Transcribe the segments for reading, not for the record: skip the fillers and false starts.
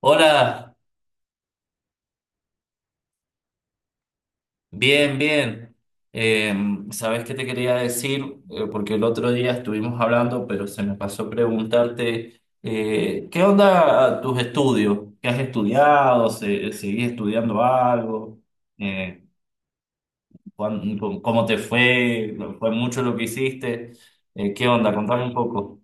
Hola, bien, bien. Eh, ¿Sabes qué te quería decir? Porque el otro día estuvimos hablando, pero se me pasó preguntarte, ¿qué onda tus estudios? ¿Qué has estudiado? ¿Seguís estudiando algo? Eh, ¿Cómo te fue? ¿No ¿Fue mucho lo que hiciste? ¿Qué onda? Contame un poco.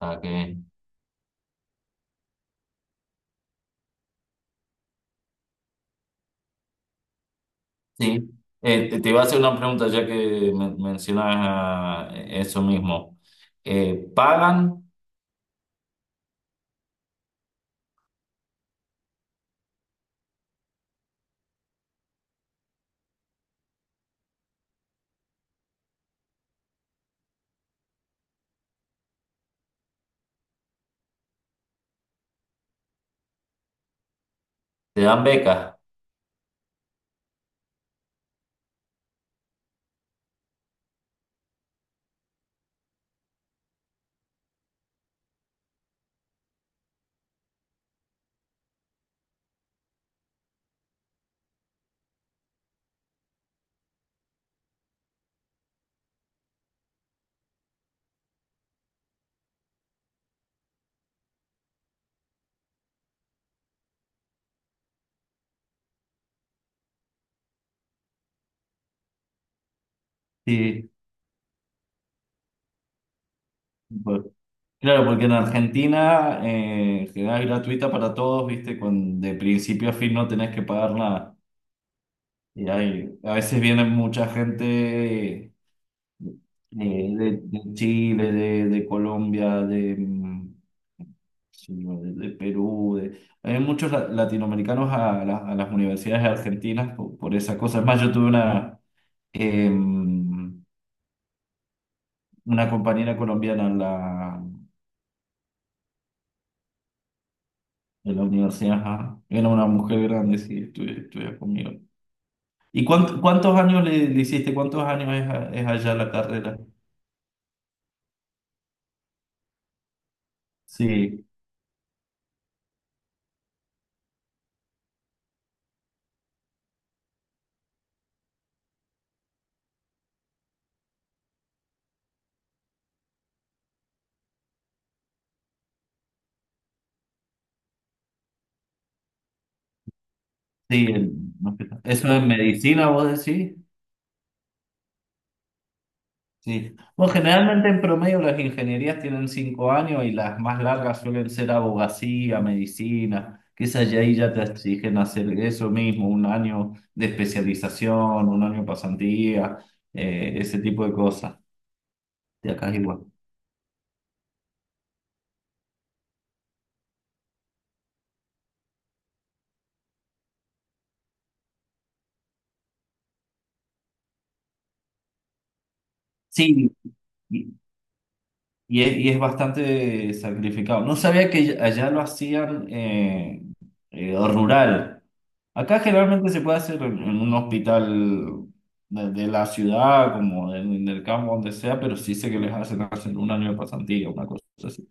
Ah, qué bien. Sí. Te iba a hacer una pregunta ya que mencionabas eso mismo. ¿Pagan? Te dan becas. Sí, por- claro, porque en Argentina, en general es gratuita para todos, ¿viste? Con, de principio a fin no tenés que pagar nada. Y hay, a veces viene mucha gente, de Chile, de Colombia, de, sí, no, de Perú. Hay muchos latinoamericanos a las universidades argentinas por esa cosa. Es más, yo tuve em, una compañera colombiana en la de la universidad, ajá. Era una mujer grande, sí, estudia conmigo. ¿Y cuántos años le hiciste? ¿Cuántos años es allá la carrera? Sí, sí, no, eso es medicina, vos decís. Sí. Bueno, generalmente en promedio las ingenierías tienen 5 años y las más largas suelen ser abogacía, medicina, que es allá ahí ya te exigen hacer eso mismo, un año de especialización, un año de pasantía, ese tipo de cosas. De acá es igual. Sí. Y es bastante sacrificado. No sabía que allá lo hacían rural. Acá generalmente se puede hacer en un hospital de la ciudad, como en el campo, donde sea, pero sí sé que les hacen hacer un año de pasantía, una cosa así.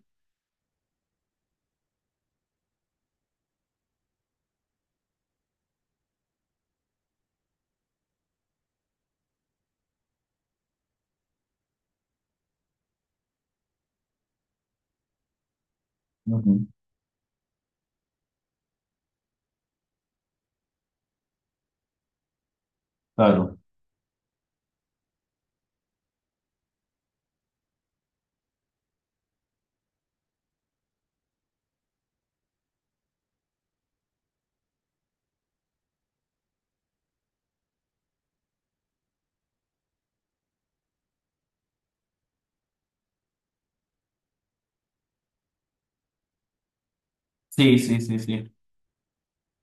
Ujú. Claro. Sí, sí, sí, sí.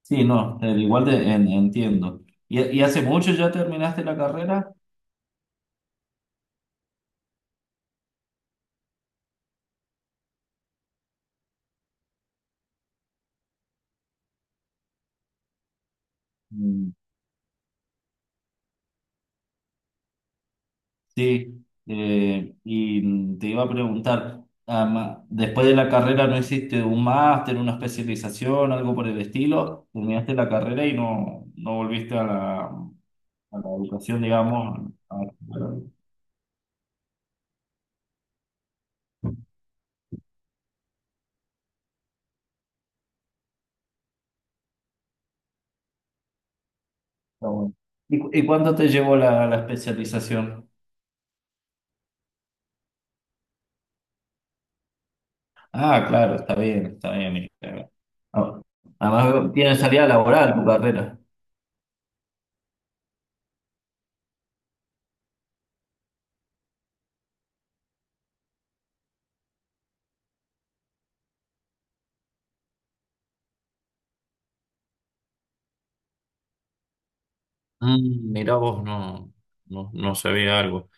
Sí, no, igual te entiendo. ¿Y hace mucho ya terminaste la carrera? Sí, te iba a preguntar, después de la carrera no hiciste un máster, una especialización, algo por el estilo, terminaste la carrera y no volviste a la educación, digamos. Está bueno. ¿Y cuánto te llevó la especialización? Ah, claro, está bien, está bien. Ah, Además, tiene salida laboral tu carrera. Mm, mira vos, no, no sabía algo.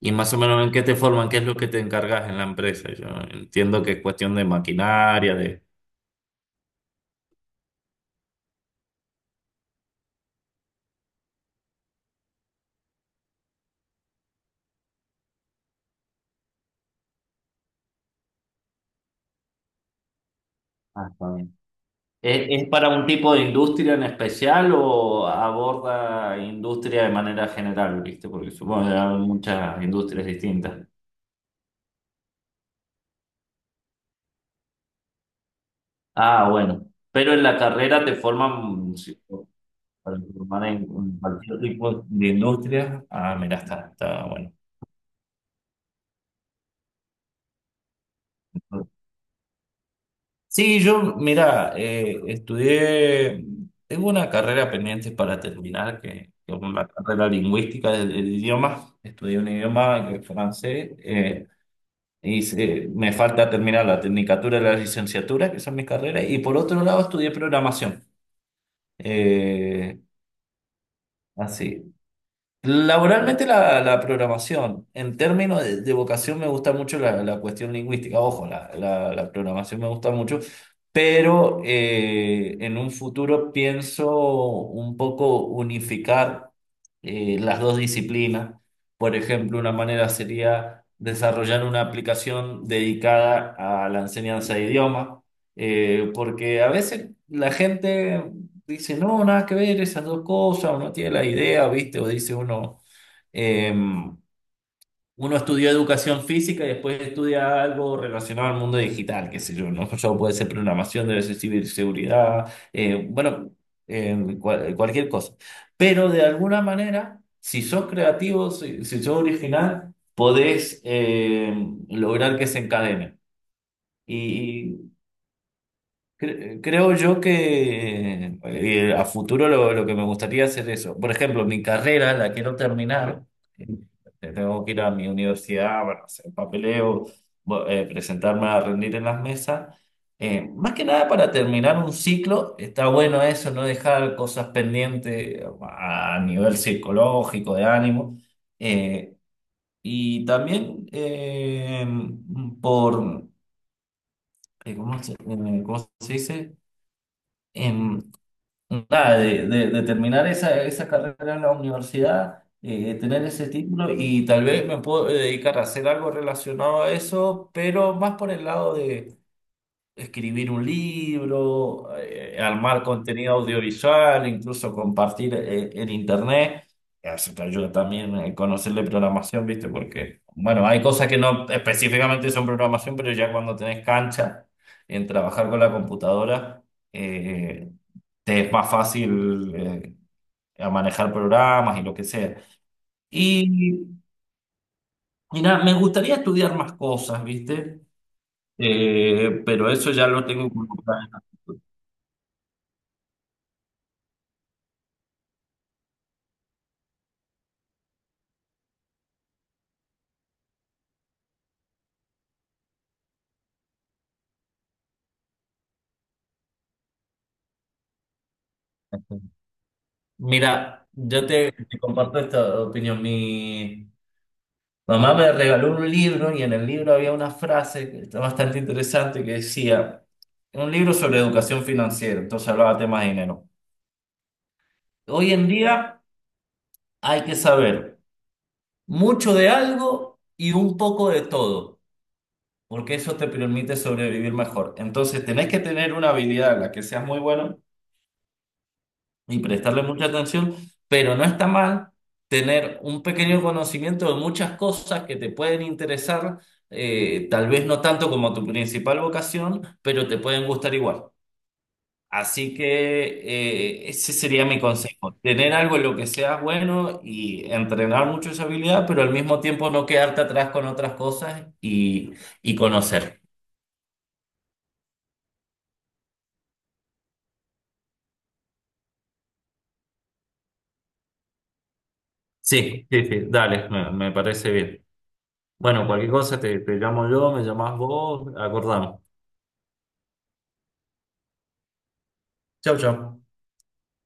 Y más o menos en qué te forman, qué es lo que te encargas en la empresa. Yo entiendo que es cuestión de maquinaria, de. Ah, está bien. ¿Es para un tipo de industria en especial o aborda industria de manera general, viste? Porque supongo que hay muchas industrias distintas. Ah, bueno. Pero en la carrera te forman, sí, para formar en cualquier tipo de industria. Ah, mira, está bueno. Sí, yo, mira, tengo una carrera pendiente para terminar, que es una carrera lingüística del idioma. Estudié un idioma, francés, y me falta terminar la tecnicatura y la licenciatura, que son mis carreras, y por otro lado estudié programación. Eh, así, Laboralmente la programación, en términos de vocación me gusta mucho la cuestión lingüística, ojo, la programación me gusta mucho, pero en un futuro pienso un poco unificar, las dos disciplinas. Por ejemplo, una manera sería desarrollar una aplicación dedicada a la enseñanza de idiomas, porque a veces la gente dice, no, nada que ver esas dos cosas, uno tiene la idea, ¿viste? O dice uno, em, uno estudió educación física y después estudia algo relacionado al mundo digital, qué sé yo, ¿no? Yo puede ser programación, debe ser ciberseguridad, bueno, cualquier cosa. Pero de alguna manera, si sos creativo, si sos original, podés, lograr que se encadene. Creo yo que, a futuro lo que me gustaría hacer eso. Por ejemplo, mi carrera la quiero terminar. Tengo que ir a mi universidad, bueno, hacer papeleo, presentarme a rendir en las mesas. Más que nada para terminar un ciclo, está bueno eso, no dejar cosas pendientes a nivel psicológico, de ánimo. Eh, y también, por, ¿cómo se dice? Em, Nada, de terminar esa carrera en la universidad, tener ese título y tal vez me puedo dedicar a hacer algo relacionado a eso, pero más por el lado de escribir un libro, armar contenido audiovisual, incluso compartir, en internet. Eso te ayuda también a conocer de programación, ¿viste? Porque, bueno, hay cosas que no específicamente son programación, pero ya cuando tenés cancha en trabajar con la computadora. eh, Te es más fácil, a manejar programas y lo que sea. Y, y nada, me gustaría estudiar más cosas, ¿viste? Pero eso ya lo tengo como plan. Mira, yo te comparto esta opinión. Mi mamá me regaló un libro y en el libro había una frase que está bastante interesante que decía, un libro sobre educación financiera, entonces hablaba temas de dinero. Hoy en día hay que saber mucho de algo y un poco de todo. Porque eso te permite sobrevivir mejor. Entonces, tenés que tener una habilidad en la que seas muy bueno y prestarle mucha atención, pero no está mal tener un pequeño conocimiento de muchas cosas que te pueden interesar, tal vez no tanto como tu principal vocación, pero te pueden gustar igual. Así que, ese sería mi consejo, tener algo en lo que seas bueno y entrenar mucho esa habilidad, pero al mismo tiempo no quedarte atrás con otras cosas y conocer. Sí, sí, sí, dale, me parece bien. Bueno, cualquier cosa te llamo yo, me llamás vos, acordamos. Chau, chau.